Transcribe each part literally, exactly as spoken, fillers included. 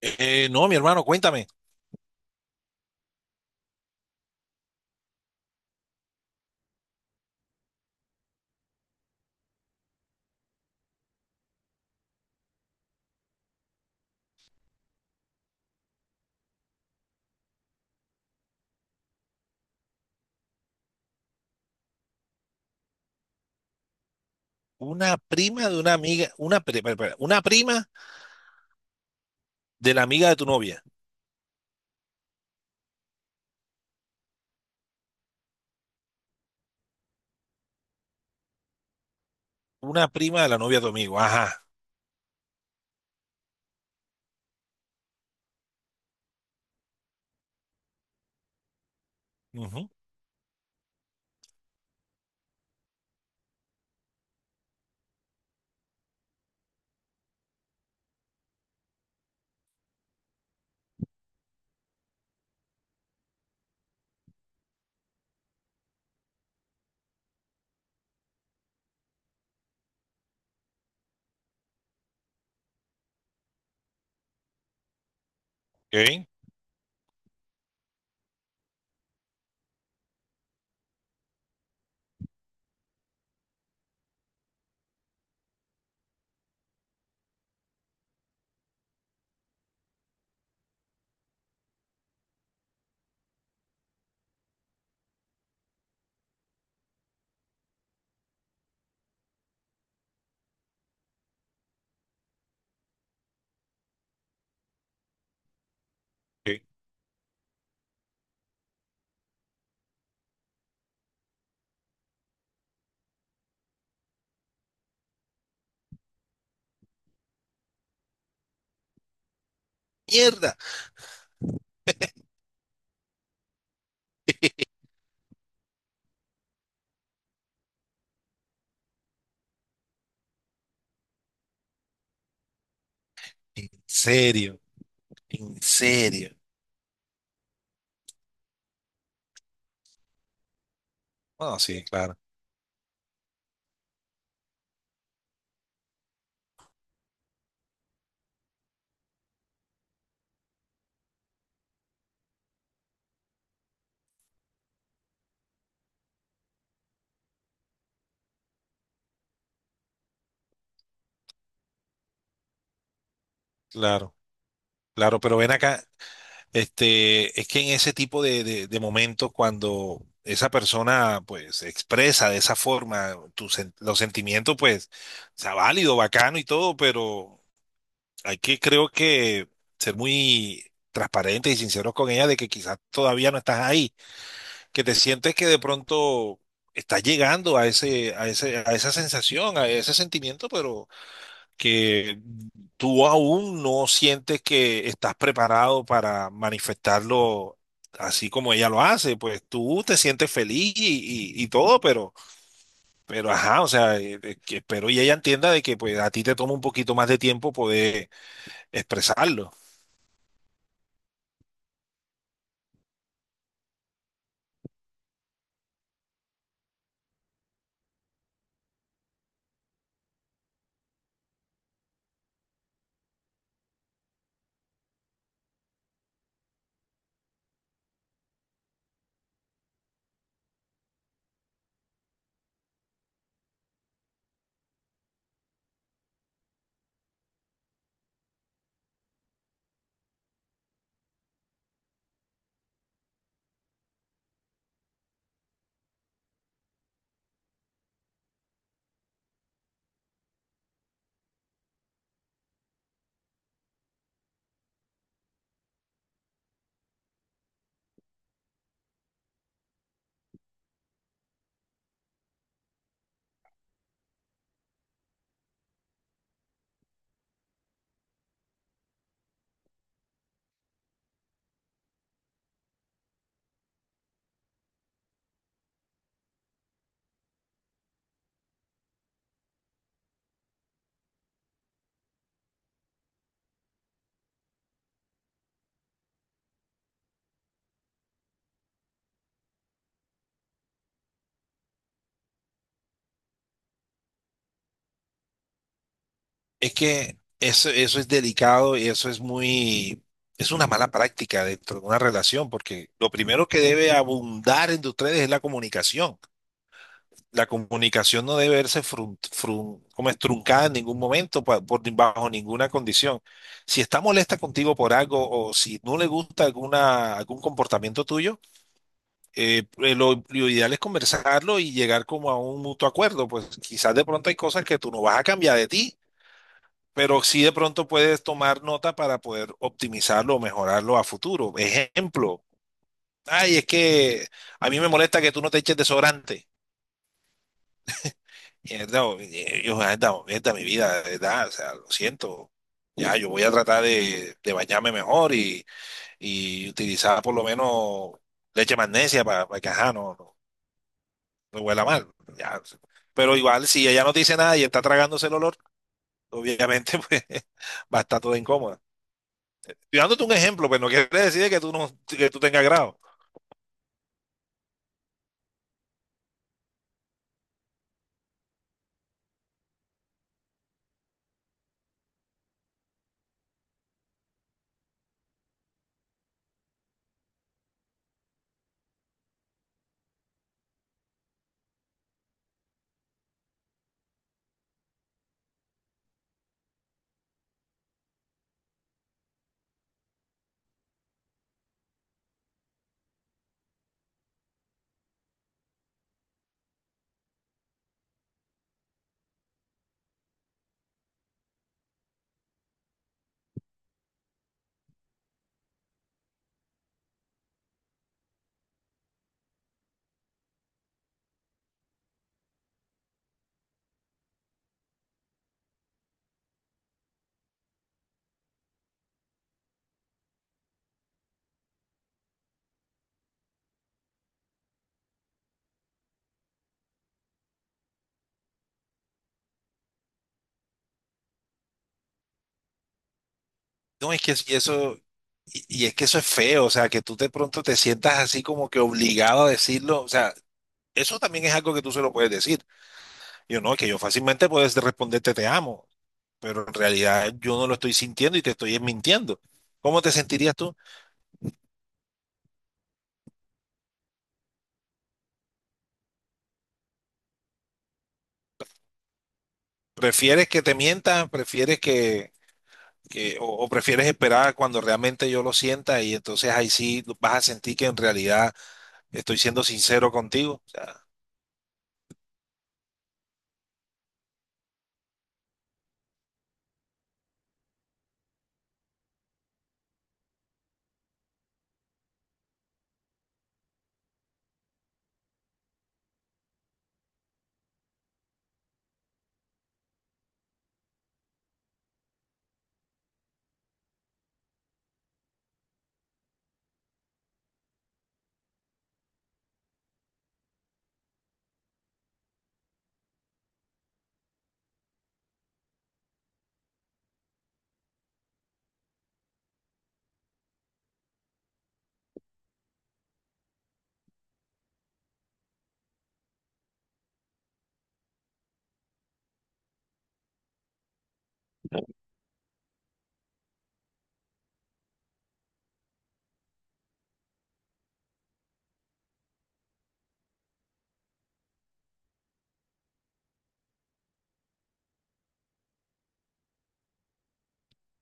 Eh, no, mi hermano, cuéntame. Una prima de una amiga, una, pri- espera, espera, una prima de la amiga de tu novia, una prima de la novia de tu amigo. Ajá. Ujú. Ok, ok. Mierda. En serio, en serio. Bueno, sí, claro, claro, claro, pero ven acá. Este, es que en ese tipo de, de, de momentos, cuando esa persona, pues, expresa de esa forma tus sen- los sentimientos, pues, está válido, bacano y todo, pero hay que, creo que, ser muy transparentes y sinceros con ella de que quizás todavía no estás ahí, que te sientes que de pronto estás llegando a ese, a ese, a esa sensación, a ese sentimiento, pero que tú aún no sientes que estás preparado para manifestarlo así como ella lo hace, pues tú te sientes feliz y, y- y todo, pero, pero ajá, o sea, eh, eh, que espero y ella entienda de que pues a ti te toma un poquito más de tiempo poder expresarlo. Es que eso, eso es delicado y eso es muy, es una mala práctica dentro de una relación, porque lo primero que debe abundar entre ustedes es la comunicación. La comunicación no debe verse frun- frun- como es truncada en ningún momento, pa- por, bajo ninguna condición. Si está molesta contigo por algo o si no le gusta alguna, algún comportamiento tuyo, eh, eh, lo, lo ideal es conversarlo y llegar como a un mutuo acuerdo. Pues quizás de pronto hay cosas que tú no vas a cambiar de ti, pero sí de pronto puedes tomar nota para poder optimizarlo o mejorarlo a futuro. Ejemplo, ay, es que a mí me molesta que tú no te eches desodorante. Y es, no, y yo, anda, esta es mi vida, ¿de verdad? O sea, lo siento. Ya, yo voy a tratar de, de bañarme mejor y, y utilizar por lo menos leche magnesia para, que, ajá, no, no, no huela mal. Ya. Pero igual, si ella no te dice nada y está tragándose el olor, obviamente, pues va a estar todo incómoda. Estoy dándote un ejemplo, pero no quiere decir que tú no, que tú tengas grado. No, es que si eso, y y es que eso es feo, o sea, que tú de pronto te sientas así como que obligado a decirlo, o sea, eso también es algo que tú se lo puedes decir. Yo no, que yo fácilmente puedes responderte te amo, pero en realidad yo no lo estoy sintiendo y te estoy mintiendo. ¿Cómo te sentirías tú? ¿Prefieres que te mientan? ¿Prefieres que, que- o, o prefieres esperar cuando realmente yo lo sienta y entonces ahí sí vas a sentir que en realidad estoy siendo sincero contigo. O sea,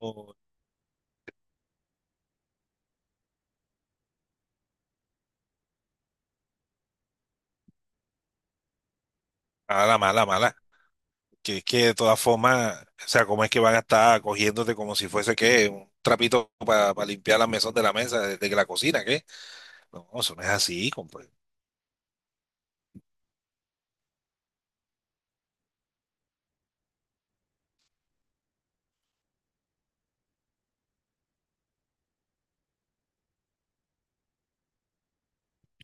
o- Mala, mala, mala. Que es que de todas formas, o sea, ¿cómo es que van a estar cogiéndote como si fuese que un trapito para limpiar la mesón de la mesa desde que la cocina, ¿qué? No, eso no es así, compadre.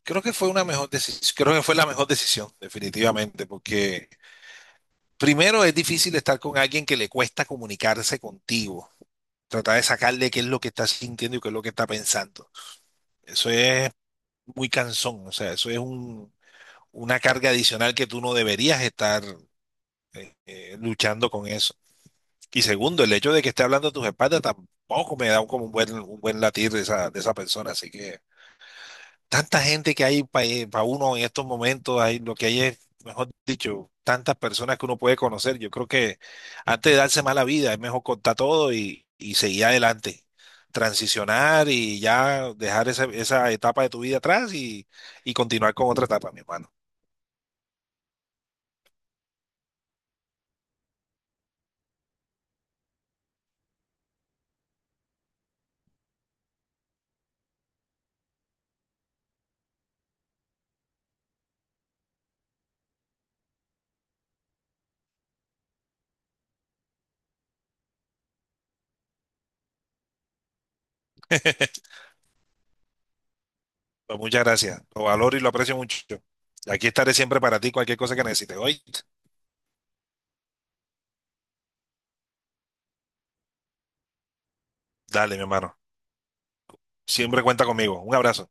Creo que fue una mejor decisión, creo que fue la mejor decisión, definitivamente, porque primero es difícil estar con alguien que le cuesta comunicarse contigo. Tratar de sacarle qué es lo que está sintiendo y qué es lo que está pensando. Eso es muy cansón, o sea, eso es un, una carga adicional que tú no deberías estar eh, eh, luchando con eso. Y segundo, el hecho de que esté hablando a tus espaldas tampoco me da un- como un buen, un buen latir de esa, de esa persona, así que tanta gente que hay para uno en estos momentos, hay, lo que hay es, mejor dicho, tantas personas que uno puede conocer. Yo creo que antes de darse mala vida, es mejor contar todo y, y seguir adelante, transicionar y ya dejar esa, esa etapa de tu vida atrás y, y continuar con otra etapa, mi hermano. Pues muchas gracias. Lo valoro y lo aprecio mucho. Aquí estaré siempre para ti, cualquier cosa que necesites. Oye, dale, mi hermano. Siempre cuenta conmigo. Un abrazo.